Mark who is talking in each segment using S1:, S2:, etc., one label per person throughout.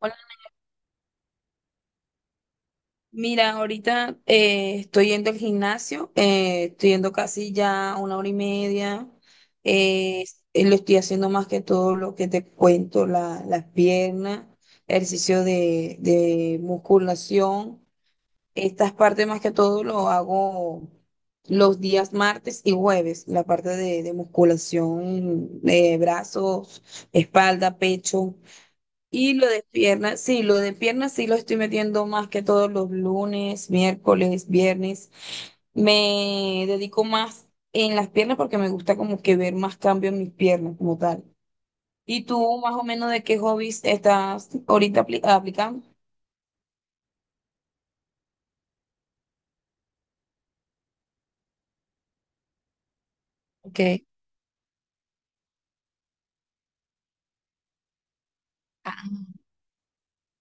S1: Hola, mira, ahorita estoy yendo al gimnasio, estoy yendo casi ya una hora y media, eh, lo estoy haciendo más que todo lo que te cuento, las piernas, ejercicio de musculación. Estas partes más que todo lo hago los días martes y jueves, la parte de musculación, de brazos, espalda, pecho. Y lo de piernas, sí, lo de piernas sí lo estoy metiendo más que todos los lunes, miércoles, viernes. Me dedico más en las piernas porque me gusta como que ver más cambio en mis piernas como tal. ¿Y tú más o menos de qué hobbies estás ahorita aplicando? Ok.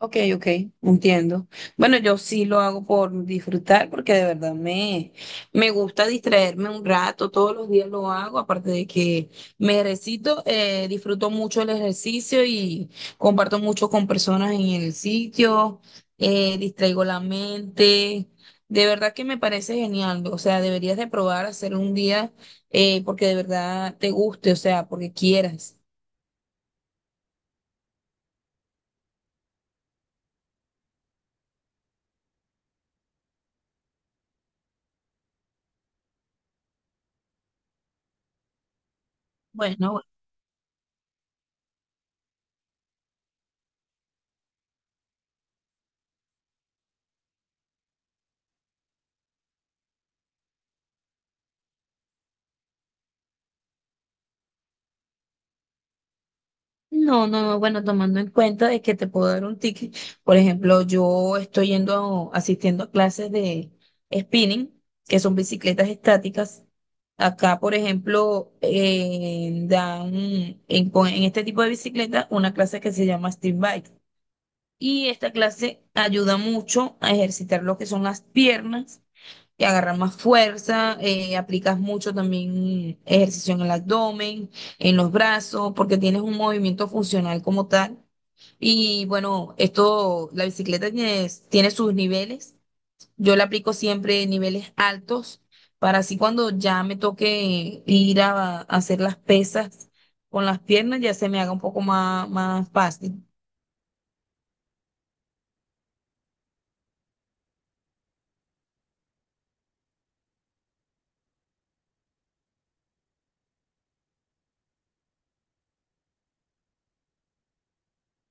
S1: Ok, ok, entiendo. Bueno, yo sí lo hago por disfrutar porque de verdad me gusta distraerme un rato, todos los días lo hago, aparte de que me ejercito, disfruto mucho el ejercicio y comparto mucho con personas en el sitio, distraigo la mente, de verdad que me parece genial, o sea, deberías de probar hacer un día porque de verdad te guste, o sea, porque quieras. Bueno, no, no, no, bueno, tomando en cuenta de que te puedo dar un ticket. Por ejemplo, yo estoy yendo, asistiendo a clases de spinning, que son bicicletas estáticas. Acá, por ejemplo, dan en este tipo de bicicleta una clase que se llama street bike. Y esta clase ayuda mucho a ejercitar lo que son las piernas y agarrar más fuerza, aplicas mucho también ejercicio en el abdomen, en los brazos, porque tienes un movimiento funcional como tal. Y bueno, esto, la bicicleta tiene sus niveles. Yo le aplico siempre niveles altos para así cuando ya me toque ir a hacer las pesas con las piernas, ya se me haga un poco más, más fácil.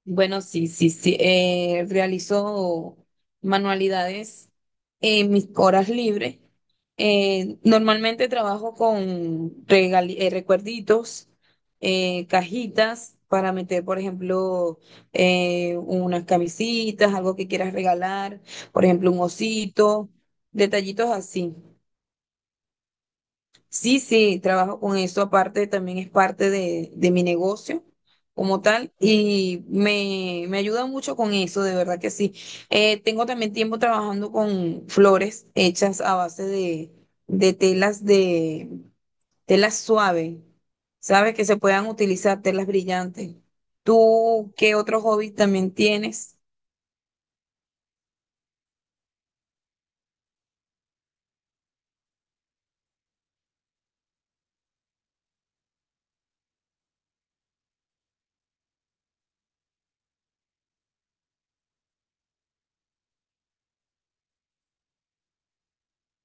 S1: Bueno, sí, sí, sí. Realizo manualidades en mis horas libres. Normalmente trabajo con recuerditos, cajitas para meter, por ejemplo, unas camisitas, algo que quieras regalar, por ejemplo, un osito, detallitos así. Sí, sí, trabajo con eso. Aparte, también es parte de mi negocio como tal y me ayuda mucho con eso, de verdad que sí. Tengo también tiempo trabajando con flores hechas a base de telas suaves, ¿sabes? Que se puedan utilizar telas brillantes. ¿Tú qué otro hobby también tienes?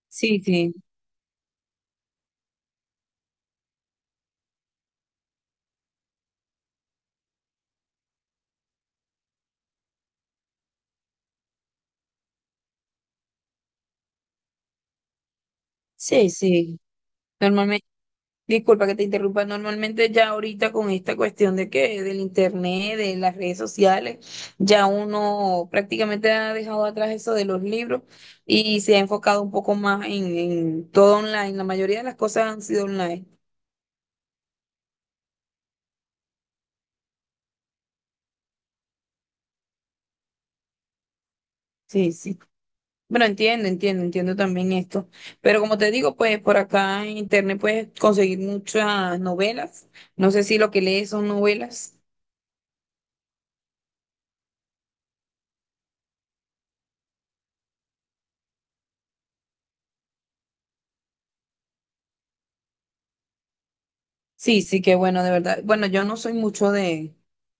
S1: Sí, sí, sí, sí. Normalmente. Disculpa que te interrumpa. Normalmente ya ahorita con esta cuestión de que del internet, de las redes sociales, ya uno prácticamente ha dejado atrás eso de los libros y se ha enfocado un poco más en todo online. La mayoría de las cosas han sido online. Sí, sí. Bueno, entiendo, entiendo, entiendo también esto. Pero como te digo, pues por acá en internet puedes conseguir muchas novelas. No sé si lo que lees son novelas. Sí, sí, qué bueno, de verdad. Bueno, yo no soy mucho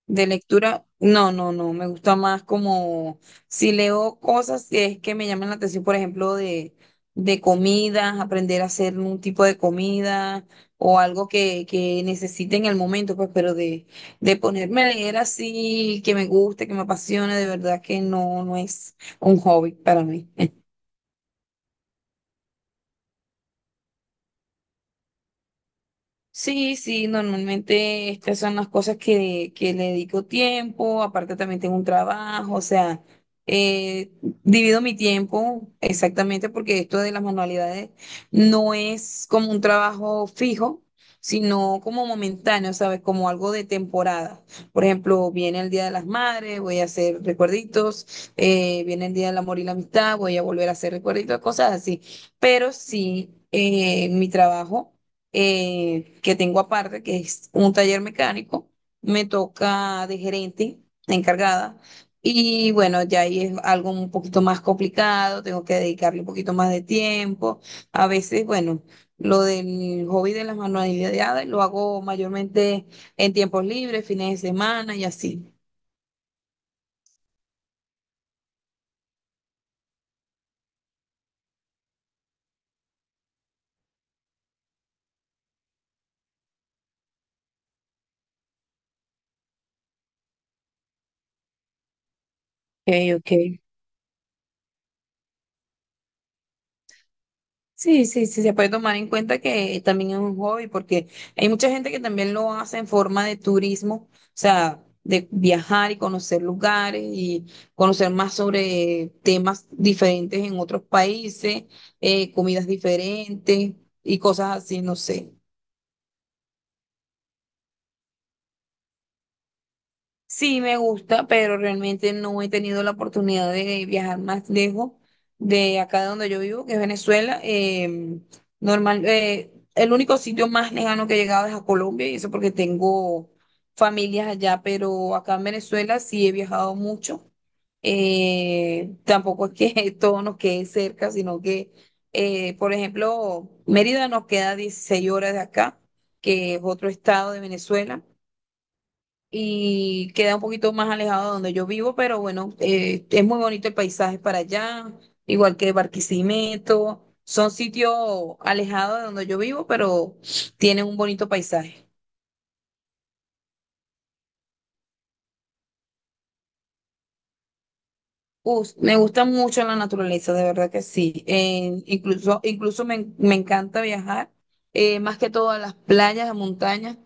S1: de lectura. No, no, no. Me gusta más como si leo cosas que es que me llaman la atención, por ejemplo, de comidas, aprender a hacer un tipo de comida o algo que necesite en el momento, pues, pero de ponerme a leer así, que me guste, que me apasione, de verdad que no, no es un hobby para mí. Sí, sí, normalmente estas son las cosas que le dedico tiempo, aparte también tengo un trabajo, o sea, eh, divido mi tiempo exactamente porque esto de las manualidades no es como un trabajo fijo, sino como momentáneo, ¿sabes? Como algo de temporada. Por ejemplo, viene el Día de las Madres, voy a hacer recuerditos, viene el Día del Amor y la Amistad, voy a volver a hacer recuerditos, cosas así. Pero sí, mi trabajo que tengo aparte, que es un taller mecánico, me toca de gerente, encargada, y bueno, ya ahí es algo un poquito más complicado, tengo que dedicarle un poquito más de tiempo, a veces, bueno, lo del hobby de las manualidades lo hago mayormente en tiempos libres, fines de semana y así. Ok, ok. Sí, sí, sí, se puede tomar en cuenta que también es un hobby, porque hay mucha gente que también lo hace en forma de turismo, o sea, de viajar y conocer lugares y conocer más sobre temas diferentes en otros países, comidas diferentes y cosas así, no sé. Sí, me gusta, pero realmente no he tenido la oportunidad de viajar más lejos de acá de donde yo vivo, que es Venezuela. Normal, el único sitio más lejano que he llegado es a Colombia, y eso porque tengo familias allá, pero acá en Venezuela sí he viajado mucho. Tampoco es que todo nos quede cerca, sino que, por ejemplo, Mérida nos queda 16 horas de acá, que es otro estado de Venezuela y queda un poquito más alejado de donde yo vivo, pero bueno, es muy bonito el paisaje para allá, igual que Barquisimeto, son sitios alejados de donde yo vivo, pero tienen un bonito paisaje. Me gusta mucho la naturaleza, de verdad que sí. Incluso, incluso me encanta viajar, más que todo a las playas, a montañas.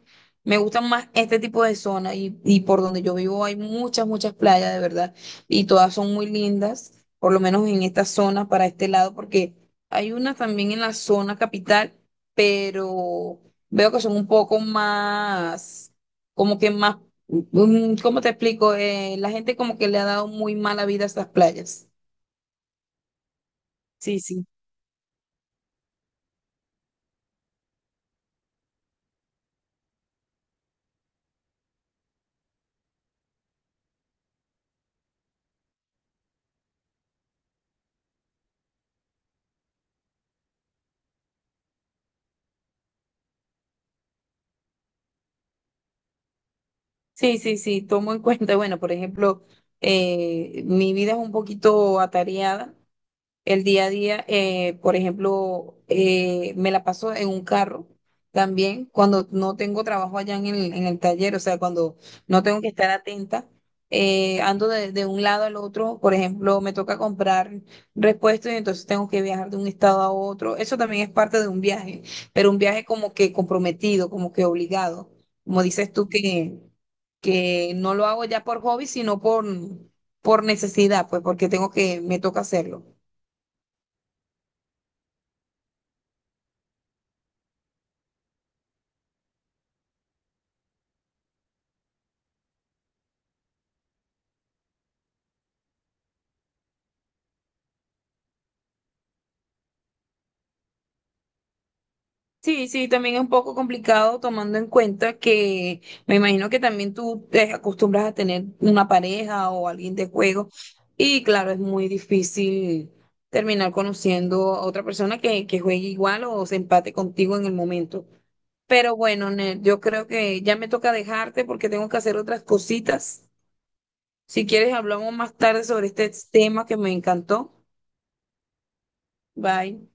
S1: Me gustan más este tipo de zonas y por donde yo vivo hay muchas, muchas playas, de verdad. Y todas son muy lindas, por lo menos en esta zona, para este lado, porque hay unas también en la zona capital, pero veo que son un poco más, como que más. ¿Cómo te explico? La gente como que le ha dado muy mala vida a estas playas. Sí, sí. Sí, sí, sí. Tomo en cuenta, bueno, por ejemplo, mi vida es un poquito atareada. El día a día, por ejemplo, me la paso en un carro también cuando no tengo trabajo allá en el taller, o sea, cuando no tengo que estar atenta, ando de un lado al otro, por ejemplo, me toca comprar repuestos y entonces tengo que viajar de un estado a otro. Eso también es parte de un viaje, pero un viaje como que comprometido, como que obligado. Como dices tú, que no lo hago ya por hobby, sino por necesidad, pues porque tengo que, me toca hacerlo. Sí, sí, también es un poco complicado tomando en cuenta que me imagino que también tú te acostumbras a tener una pareja o alguien de juego y claro, es muy difícil terminar conociendo a otra persona que juegue igual o se empate contigo en el momento. Pero bueno, Nel, yo creo que ya me toca dejarte porque tengo que hacer otras cositas. Si quieres, hablamos más tarde sobre este tema que me encantó. Bye.